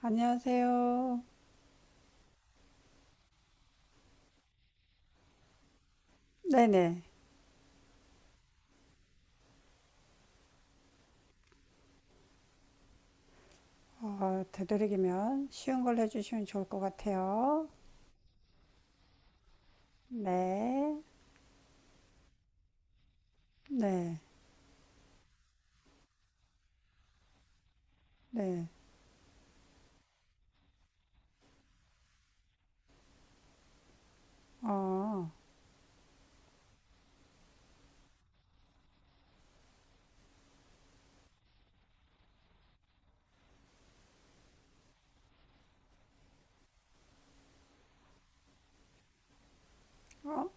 안녕하세요. 네네. 되도록이면 쉬운 걸 해주시면 좋을 것 같아요. 네. 네. 네. 어, 어,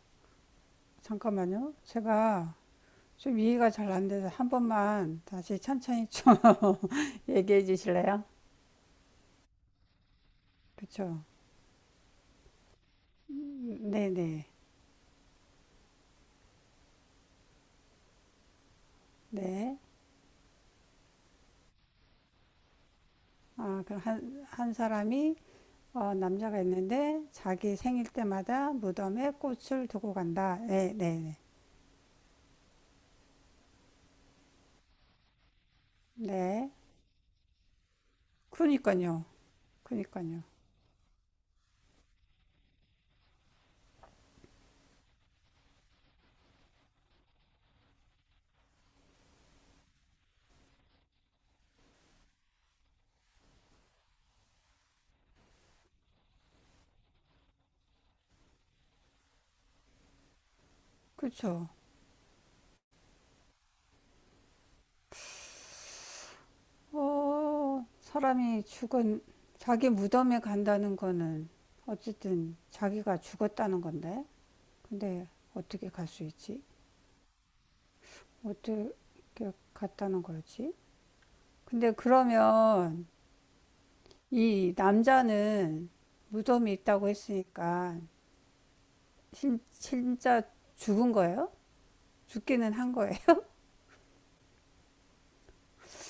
잠깐만요. 제가 좀 이해가 잘 안 돼서 한 번만 다시 천천히 좀 얘기해 주실래요? 그쵸? 네네. 네. 아, 그럼 한 사람이 남자가 있는데 자기 생일 때마다 무덤에 꽃을 두고 간다. 네, 네, 네. 네. 그러니까요. 그니까요. 그쵸. 사람이 죽은, 자기 무덤에 간다는 거는 어쨌든 자기가 죽었다는 건데. 근데 어떻게 갈 수 있지? 어떻게 갔다는 거지? 근데 그러면 이 남자는 무덤이 있다고 했으니까 진짜 죽은 거예요? 죽기는 한 거예요.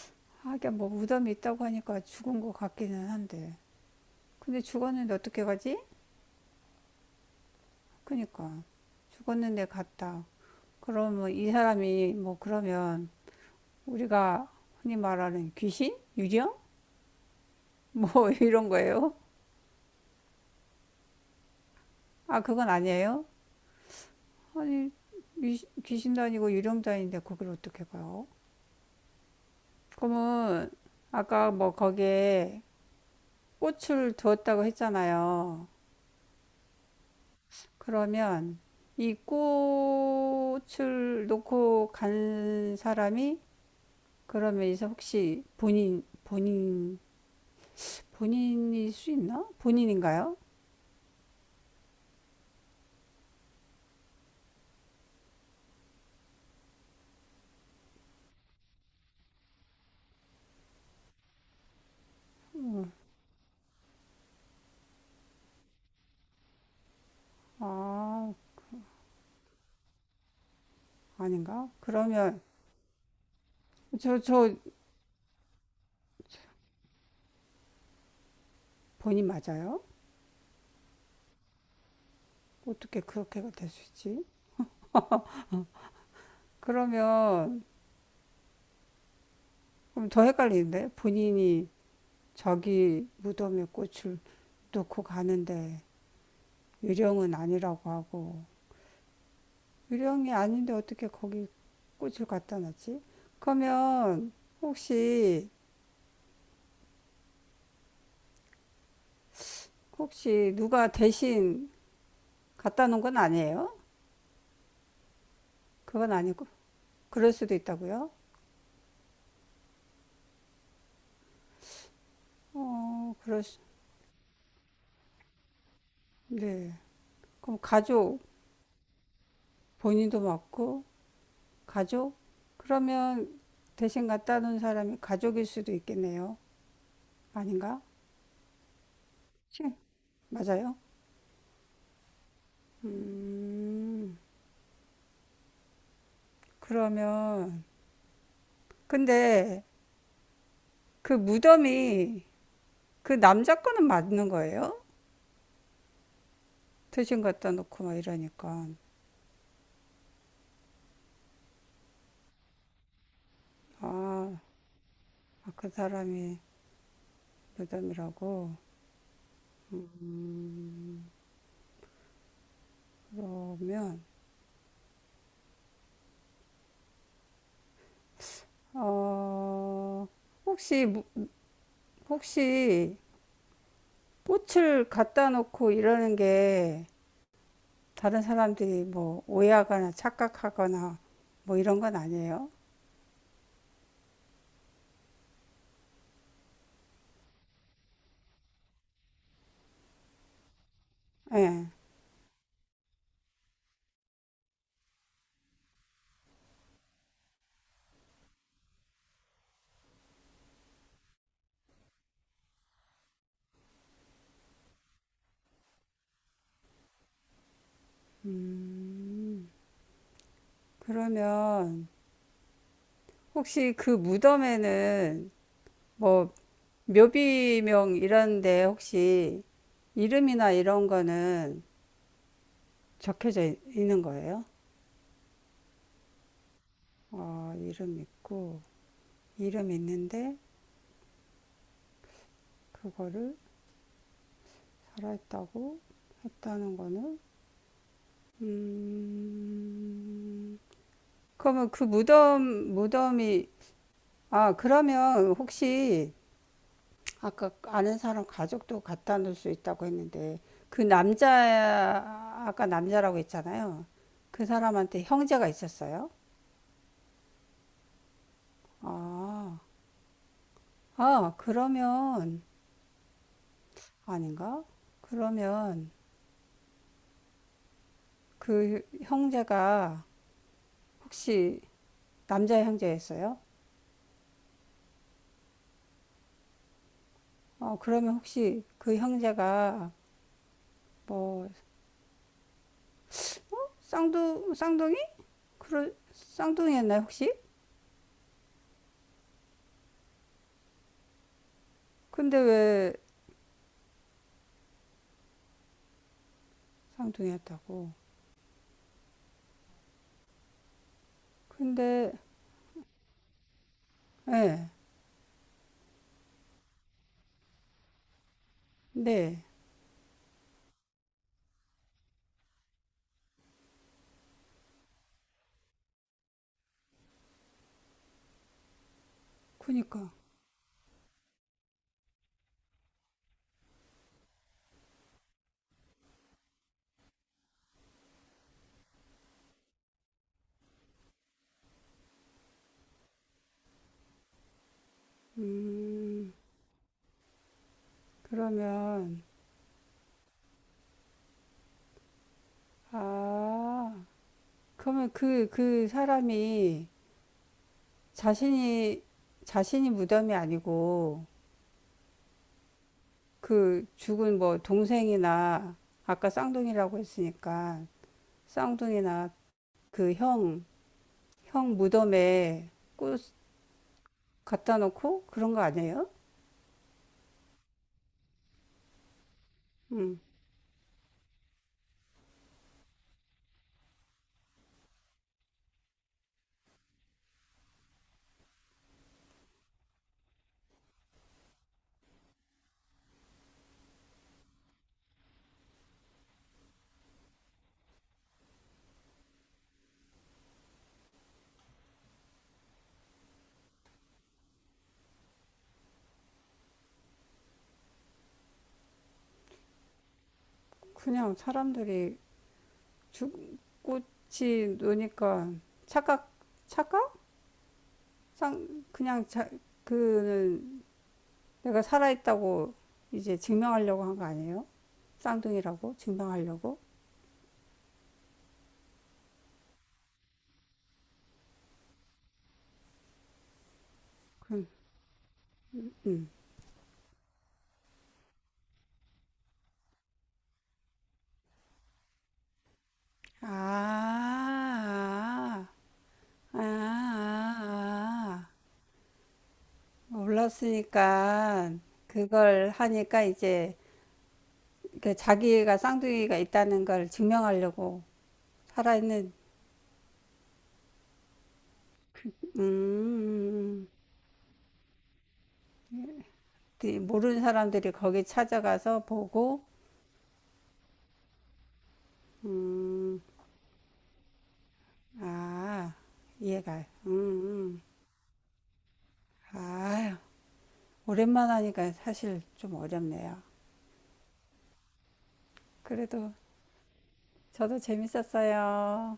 하긴 뭐 무덤이 있다고 하니까 죽은 것 같기는 한데. 근데 죽었는데 어떻게 가지? 그니까 죽었는데 갔다. 그러면 이 사람이 뭐 그러면 우리가 흔히 말하는 귀신? 유령? 뭐 이런 거예요? 아, 그건 아니에요? 아니, 귀신도 아니고 유령도 아닌데 거를 어떻게 가요? 그러면 아까 뭐 거기에 꽃을 두었다고 했잖아요. 그러면 이 꽃을 놓고 간 사람이 그러면 이제 혹시 본인일 수 있나? 본인인가요? 아, 아닌가? 그러면 저 본인 맞아요? 어떻게 그렇게가 될 수 있지? 그러면 그럼 더 헷갈리는데 본인이 자기 무덤에 꽃을 놓고 가는데 유령은 아니라고 하고 유령이 아닌데 어떻게 거기 꽃을 갖다 놨지? 그러면 혹시 혹시 누가 대신 갖다 놓은 건 아니에요? 그건 아니고 그럴 수도 있다고요? 어, 그렇, 네. 그럼 가족, 본인도 맞고, 가족? 그러면 대신 갖다 놓은 사람이 가족일 수도 있겠네요. 아닌가? 치, 맞아요? 음, 그러면, 근데 그 무덤이 그 남자 거는 맞는 거예요? 대신 갖다 놓고 막 이러니까. 아, 아, 그 사람이 무덤이라고. 그러면, 어, 혹시, 혹시 꽃을 갖다 놓고 이러는 게 다른 사람들이 뭐 오해하거나 착각하거나 뭐 이런 건 아니에요? 예. 네. 그러면 혹시 그 무덤에는 뭐 묘비명 이런데 혹시 이름이나 이런 거는 적혀져 있- 는 거예요? 아, 이름 있고, 이름 있는데 그거를 살아있다고 했다는 거는? 그러면 그 무덤이 아, 그러면 혹시 아까 아는 사람 가족도 갖다 놓을 수 있다고 했는데 그 남자 아까 남자라고 했잖아요. 그 사람한테 형제가 있었어요? 아, 아, 그러면 아닌가? 그러면 그 형제가 혹시 남자 형제였어요? 그러면 혹시 그 형제가 뭐 쌍둥이? 그럴 쌍둥이였나요, 혹시? 근데 왜 쌍둥이였다고? 근데, 예, 네, 그니까. 음, 그러면, 아, 그러면 그 사람이 자신이, 자신이 무덤이 아니고, 그 죽은 뭐 동생이나, 아까 쌍둥이라고 했으니까, 쌍둥이나 그 형 무덤에 꽃 갖다 놓고 그런 거 아니에요? 음, 그냥 사람들이 꽃이 노니까 착각, 착각? 상 그냥 그는 내가 살아있다고 이제 증명하려고 한 거 아니에요? 쌍둥이라고 증명하려고? 그럼 음. 아, 아, 아, 아, 아. 몰랐으니까 그걸 하니까 이제 그 자기가 쌍둥이가 있다는 걸 증명하려고 살아있는 음, 그 모르는 사람들이 거기 찾아가서 보고 음. 아, 이해가. 음. 아, 오랜만 하니까 사실 좀 어렵네요. 그래도 저도 재밌었어요.